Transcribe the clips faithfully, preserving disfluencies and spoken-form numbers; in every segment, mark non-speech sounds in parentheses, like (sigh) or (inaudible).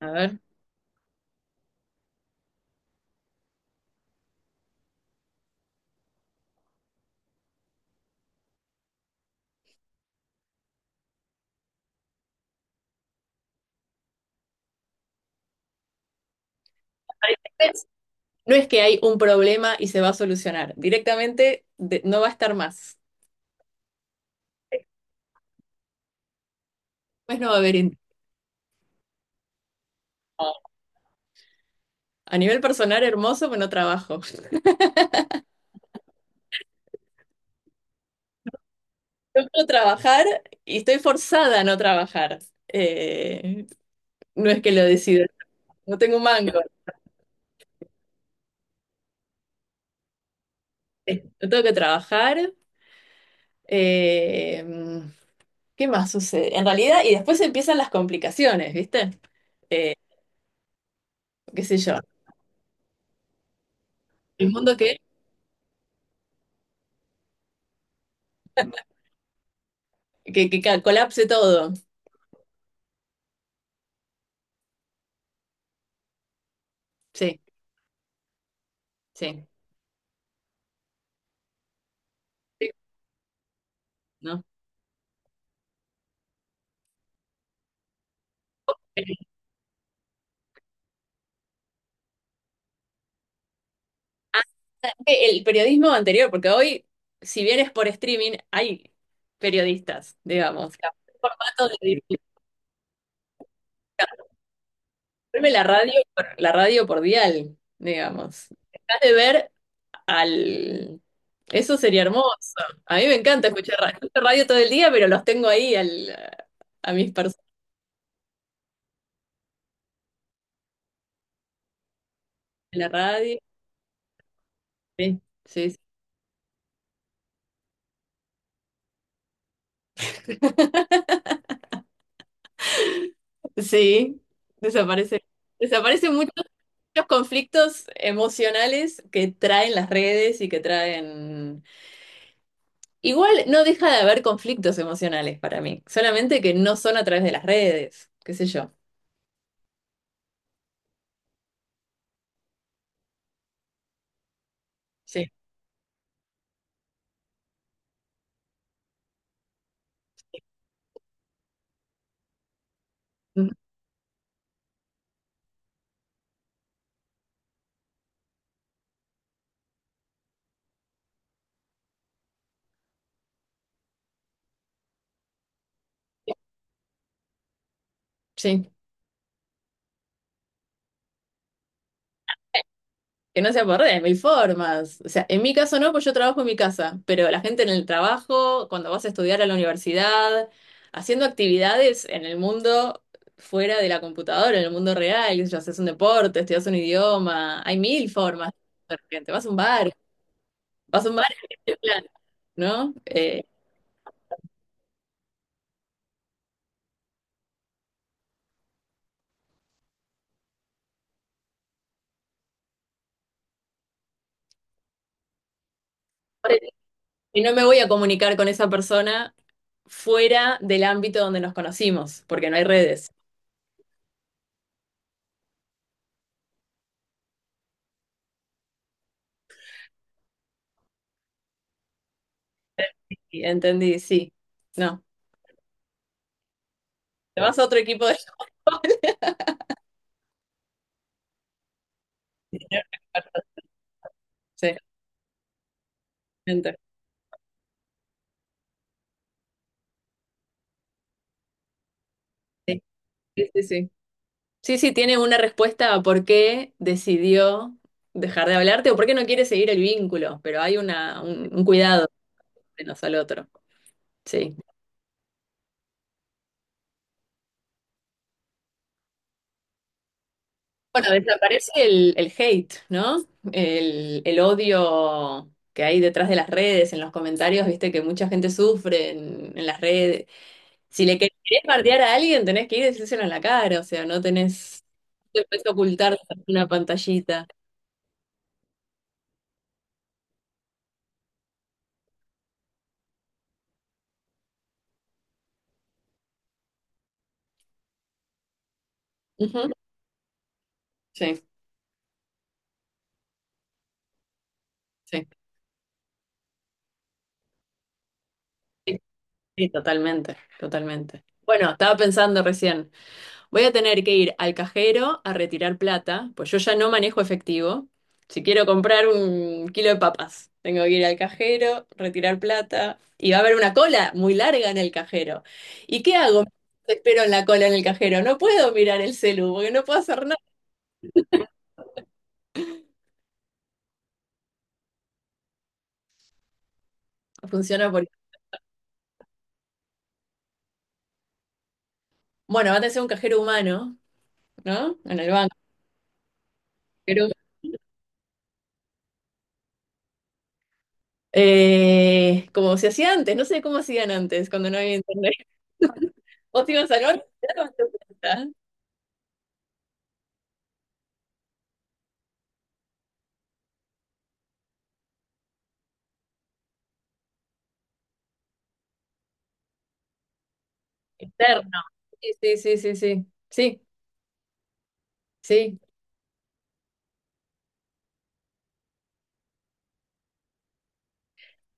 A ver. Es- No es que hay un problema y se va a solucionar. Directamente de- no va a estar más. Pues no va a haber. in- A nivel personal, hermoso, pero no trabajo. (laughs) Yo puedo trabajar y estoy forzada a no trabajar. Eh, no es que lo decido. No tengo un mango. Eh, No tengo que trabajar. Eh, ¿Qué más sucede? En realidad, y después empiezan las complicaciones, ¿viste? Eh, Qué sé yo. El mundo que, que, que ca- colapse todo. Sí, sí. Sí, ¿no? El periodismo anterior, porque hoy, si bien es por streaming, hay periodistas, digamos. Claro, El formato de ponme la radio, por- la radio por dial, digamos. Dejas de ver al. Eso sería hermoso. A mí me encanta escuchar radio, escucho radio todo el día, pero los tengo ahí al, a mis personas en la radio. Sí, sí, sí. Sí, desaparece. Desaparecen muchos de los conflictos emocionales que traen las redes y que traen. Igual no deja de haber conflictos emocionales para mí, solamente que no son a través de las redes, qué sé yo. Sí. Mm, sí, que no sea por redes, mil formas. O sea, en mi caso no, pues yo trabajo en mi casa, pero la gente en el trabajo, cuando vas a estudiar a la universidad, haciendo actividades en el mundo fuera de la computadora, en el mundo real, qué sé yo, haces un deporte, estudias un idioma, hay mil formas de repente. Vas a un bar, vas a un bar, (laughs) en plan, ¿no? Eh, y no me voy a comunicar con esa persona fuera del ámbito donde nos conocimos, porque no hay redes. Y entendí, sí. No. Te vas a otro equipo de. (laughs) Sí, entiendo. Sí, sí, sí. Sí, sí, sí, tiene una respuesta a por qué decidió dejar de hablarte o por qué no quiere seguir el vínculo, pero hay una, un, un cuidado menos al otro. Sí. Bueno, desaparece el, el hate, ¿no? El, el odio que hay detrás de las redes, en los comentarios, viste que mucha gente sufre en, en las redes. Si le querés bardear a alguien, tenés que ir y decírselo en la cara, o sea, no tenés, no te puedes ocultar tras una pantallita. Ujú, sí, sí, sí, sí, totalmente, totalmente. Bueno, estaba pensando recién, voy a tener que ir al cajero a retirar plata, pues yo ya no manejo efectivo. Si quiero comprar un kilo de papas, tengo que ir al cajero, retirar plata, y va a haber una cola muy larga en el cajero. ¿Y qué hago? Espero en la cola en el cajero. No puedo mirar el celu, porque no puedo hacer nada. Funciona porque, bueno, va a tener un cajero humano, ¿no? En el banco. Pero, eh, como se hacía antes, no sé cómo hacían antes cuando no había internet. (laughs) Vos ibas al banco y te dabas tu plata. Externo. Sí, sí, sí, sí, sí. Sí, sí.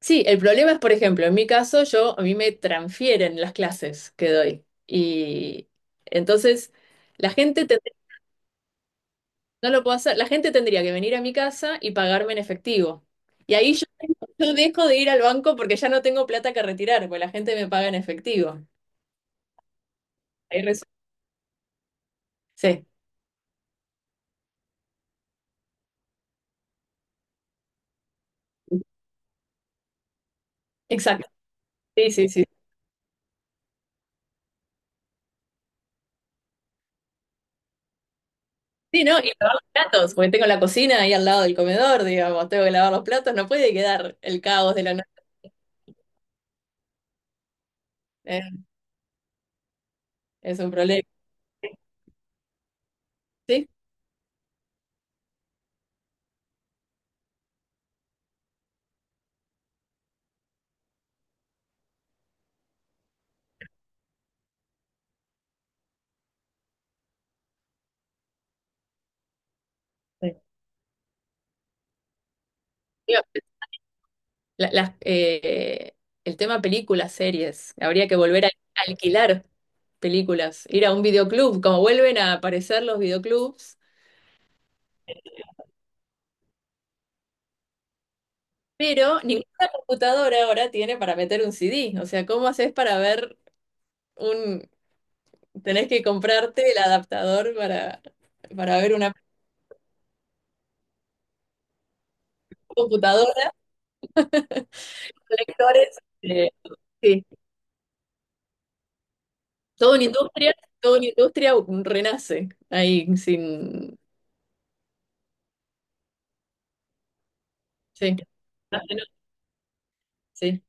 Sí, el problema es, por ejemplo, en mi caso, yo, a mí me transfieren las clases que doy. Y entonces, la gente no lo puedo hacer. La gente tendría que venir a mi casa y pagarme en efectivo. Y ahí yo, yo dejo de ir al banco porque ya no tengo plata que retirar, porque la gente me paga en efectivo. Ahí resu- Sí, exacto. Sí, sí, sí. Sí, ¿no? Y lavar los platos, porque tengo la cocina ahí al lado del comedor, digamos, tengo que lavar los platos, no puede quedar el caos de la noche. Eh, es un problema. Sí. Sí. La- las, eh, el tema películas, series. Habría que volver a alquilar películas, ir a un videoclub, como vuelven a aparecer los videoclubs. Pero ninguna computadora ahora tiene para meter un C D. O sea, ¿cómo haces para ver un? Tenés que comprarte el adaptador para, para ver una computadora, lectores. eh, sí, toda una industria, toda una industria renace ahí sin. Sí, sí, sí.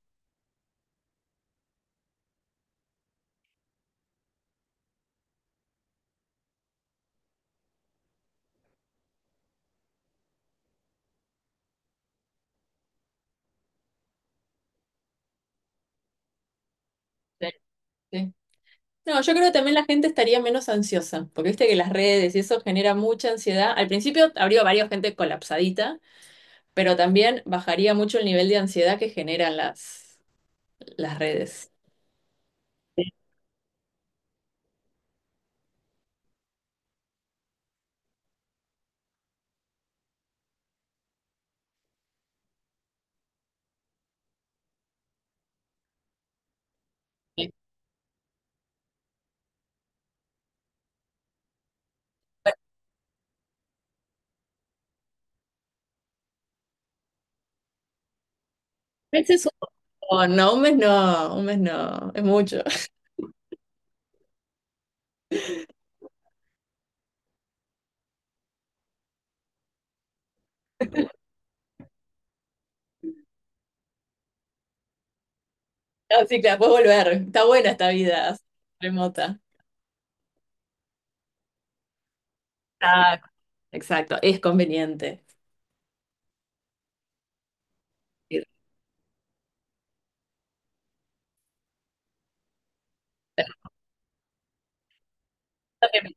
Sí. Sí. No, yo creo que también la gente estaría menos ansiosa, porque viste que las redes y eso genera mucha ansiedad. Al principio habría varias gente colapsadita, pero también bajaría mucho el nivel de ansiedad que generan las, las redes. Sí. Bueno, meses un montón, no, un mes no, un mes no, es mucho. (laughs) No, sí, claro, puedes volver. Está buena esta vida remota. Ah, exacto, es conveniente. Sí, estamos en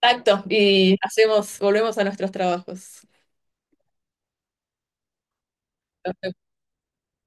contacto y hacemos, volvemos a nuestros trabajos.